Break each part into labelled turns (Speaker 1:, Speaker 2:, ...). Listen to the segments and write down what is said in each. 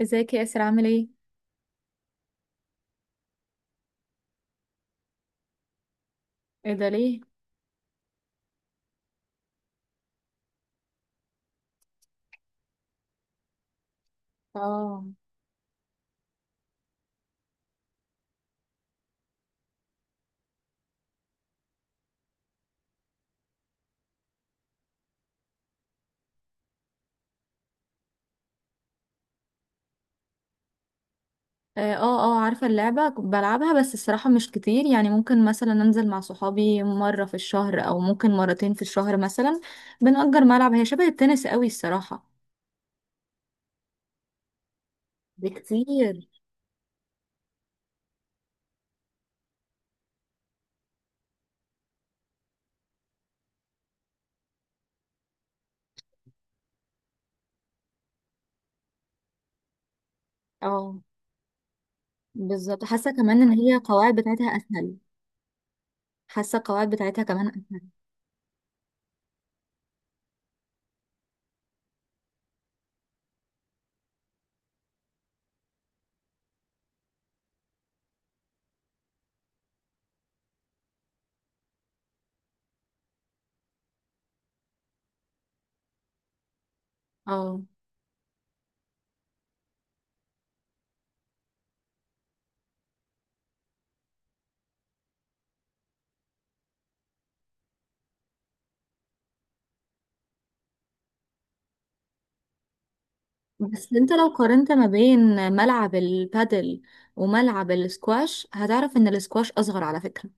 Speaker 1: ازيك يا ياسر، عامل ايه؟ ايه ده ليه؟ اه، اه، اه. آه، عارفة اللعبة كنت بلعبها، بس الصراحة مش كتير. يعني ممكن مثلا انزل مع صحابي مرة في الشهر او ممكن مرتين في الشهر مثلا. بنأجر ملعب، هي شبه التنس قوي الصراحة. بكتير. اه، بالظبط. حاسة كمان ان هي القواعد بتاعتها اسهل. حاسة القواعد بتاعتها كمان اسهل. اه. بس انت لو قارنت ما بين ملعب البادل وملعب السكواش هتعرف ان السكواش اصغر على فكرة.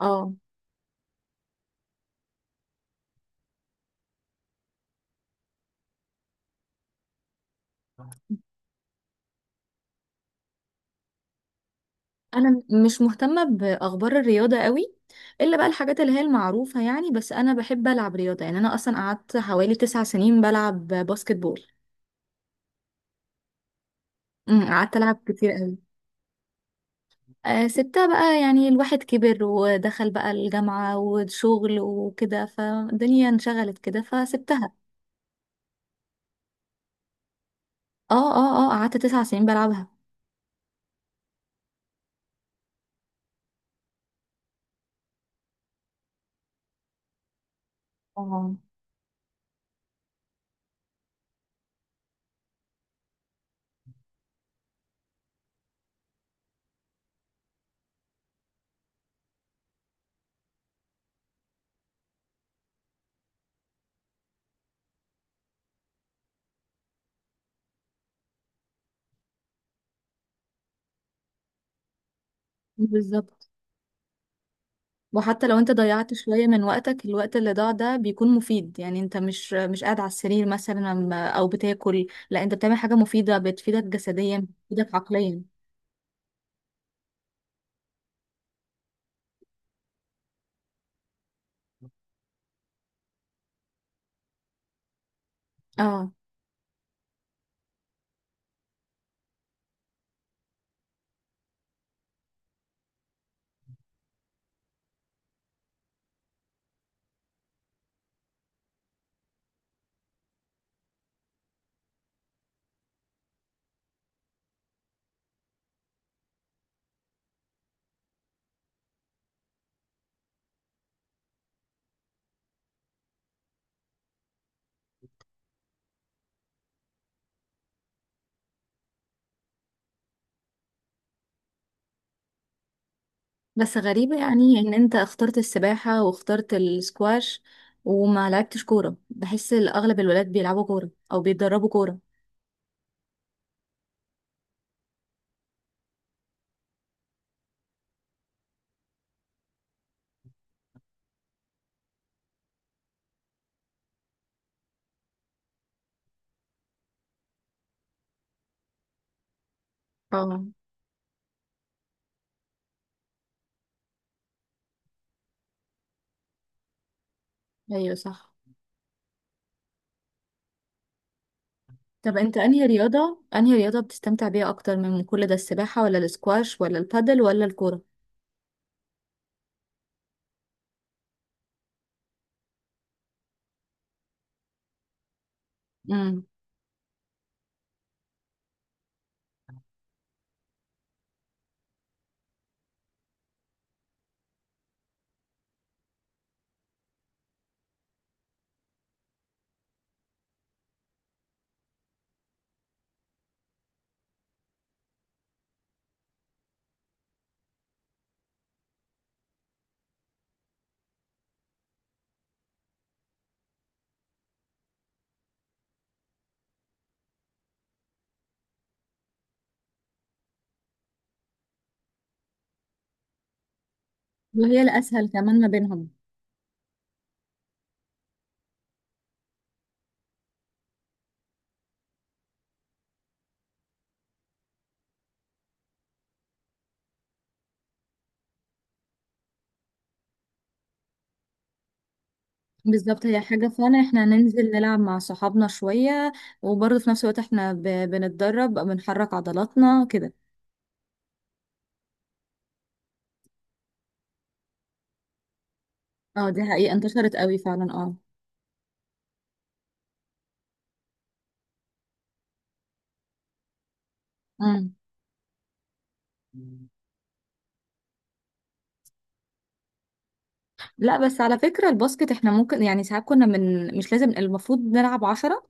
Speaker 1: اه. انا مش مهتمه باخبار الرياضه قوي، الا بقى الحاجات اللي هي المعروفه. يعني بس انا بحب العب رياضه، يعني انا اصلا قعدت حوالي 9 سنين بلعب باسكت بول. قعدت العب كتير قوي. آه، سبتها بقى. يعني الواحد كبر ودخل بقى الجامعه وشغل وكده، فالدنيا انشغلت كده فسبتها. اه، اه، اه، قعدت 9 سنين بلعبها. اه بالظبط. وحتى لو انت ضيعت شوية من وقتك، الوقت اللي ضاع ده بيكون مفيد. يعني انت مش قاعد على السرير مثلا او بتاكل، لا انت بتعمل حاجة مفيدة بتفيدك جسديا بتفيدك عقليا. اه. بس غريبة يعني ان انت اخترت السباحة واخترت السكواش وما لعبتش كورة. بحس اغلب الولاد بيلعبوا كورة او بيتدربوا كورة. اه، ايوه صح. طب انت انهي رياضة بتستمتع بيها اكتر من كل ده، السباحة ولا السكواش ولا البادل ولا الكورة؟ امم. وهي الاسهل كمان ما بينهم. بالظبط، هي حاجة فعلا، احنا هننزل نلعب مع صحابنا شوية وبرضه في نفس الوقت احنا بنتدرب، بنحرك عضلاتنا كده. اه، دي حقيقة، انتشرت قوي فعلا. اه. امم. لا بس على فكرة الباسكت احنا ممكن، يعني ساعات كنا، من مش لازم المفروض نلعب عشرة،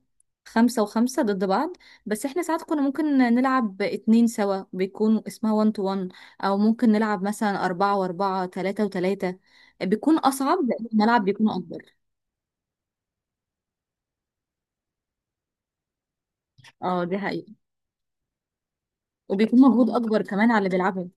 Speaker 1: خمسة وخمسة ضد بعض. بس احنا ساعات كنا ممكن نلعب اتنين سوا، بيكون اسمها وان تو وان. او ممكن نلعب مثلا اربعة واربعة، تلاتة وتلاتة، بيكون اصعب لان الملعب بيكون اكبر. اه دي حقيقة. وبيكون مجهود اكبر كمان على اللي بيلعبها.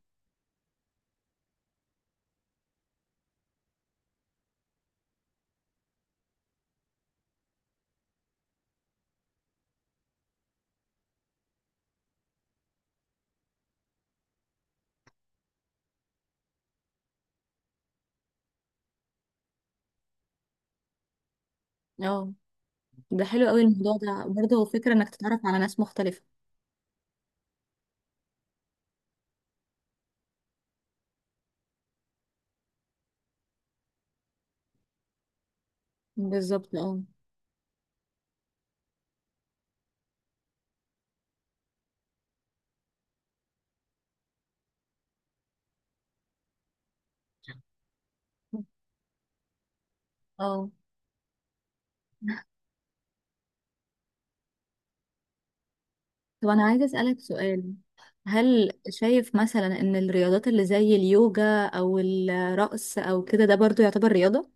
Speaker 1: اه، ده حلو قوي الموضوع. ده برضه هو فكره انك تتعرف على ناس مختلفه. بالظبط. اه، اه. طب انا عايزه اسالك سؤال، هل شايف مثلا ان الرياضات اللي زي اليوجا او الرقص او كده ده برضه يعتبر رياضه؟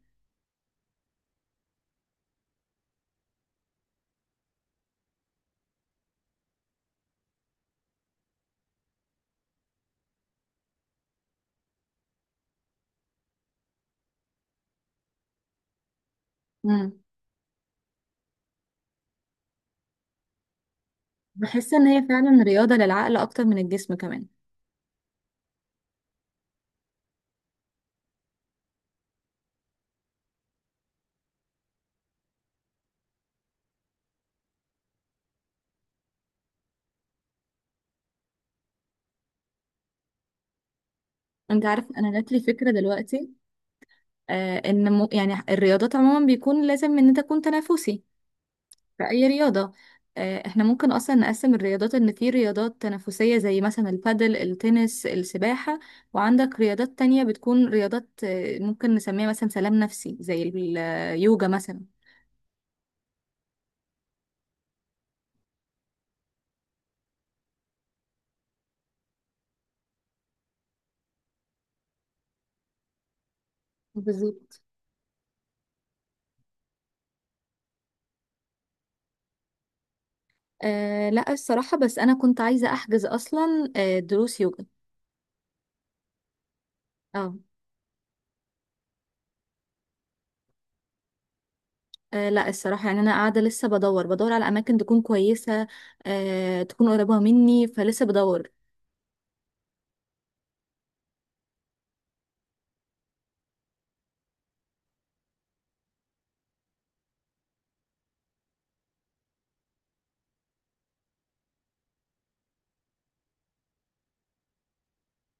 Speaker 1: امم. بحس ان هي فعلا رياضه للعقل اكتر من الجسم كمان. انت عارف، انا جات لي فكره دلوقتي. ان مو يعني الرياضات عموما بيكون لازم ان انت تكون تنافسي في أي رياضة. احنا ممكن أصلا نقسم الرياضات، إن في رياضات تنافسية زي مثلا البادل، التنس، السباحة. وعندك رياضات تانية بتكون رياضات، ممكن نسميها مثلا سلام نفسي، زي اليوجا مثلا. بالظبط. أه لا، الصراحة بس أنا كنت عايزة أحجز أصلا دروس يوجا. اه. لا الصراحة يعني أنا قاعدة لسه بدور على أماكن تكون كويسة. أه، تكون قريبة مني فلسه بدور.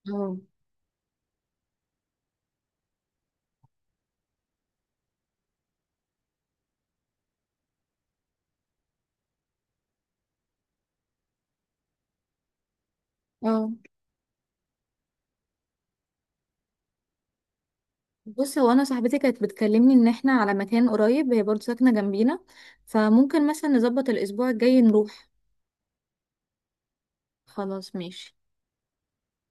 Speaker 1: اه، اه. بصي، هو انا صاحبتي كانت بتكلمني ان احنا على مكان قريب، هي برضه ساكنه جنبينا. فممكن مثلا نظبط الاسبوع الجاي نروح. خلاص ماشي.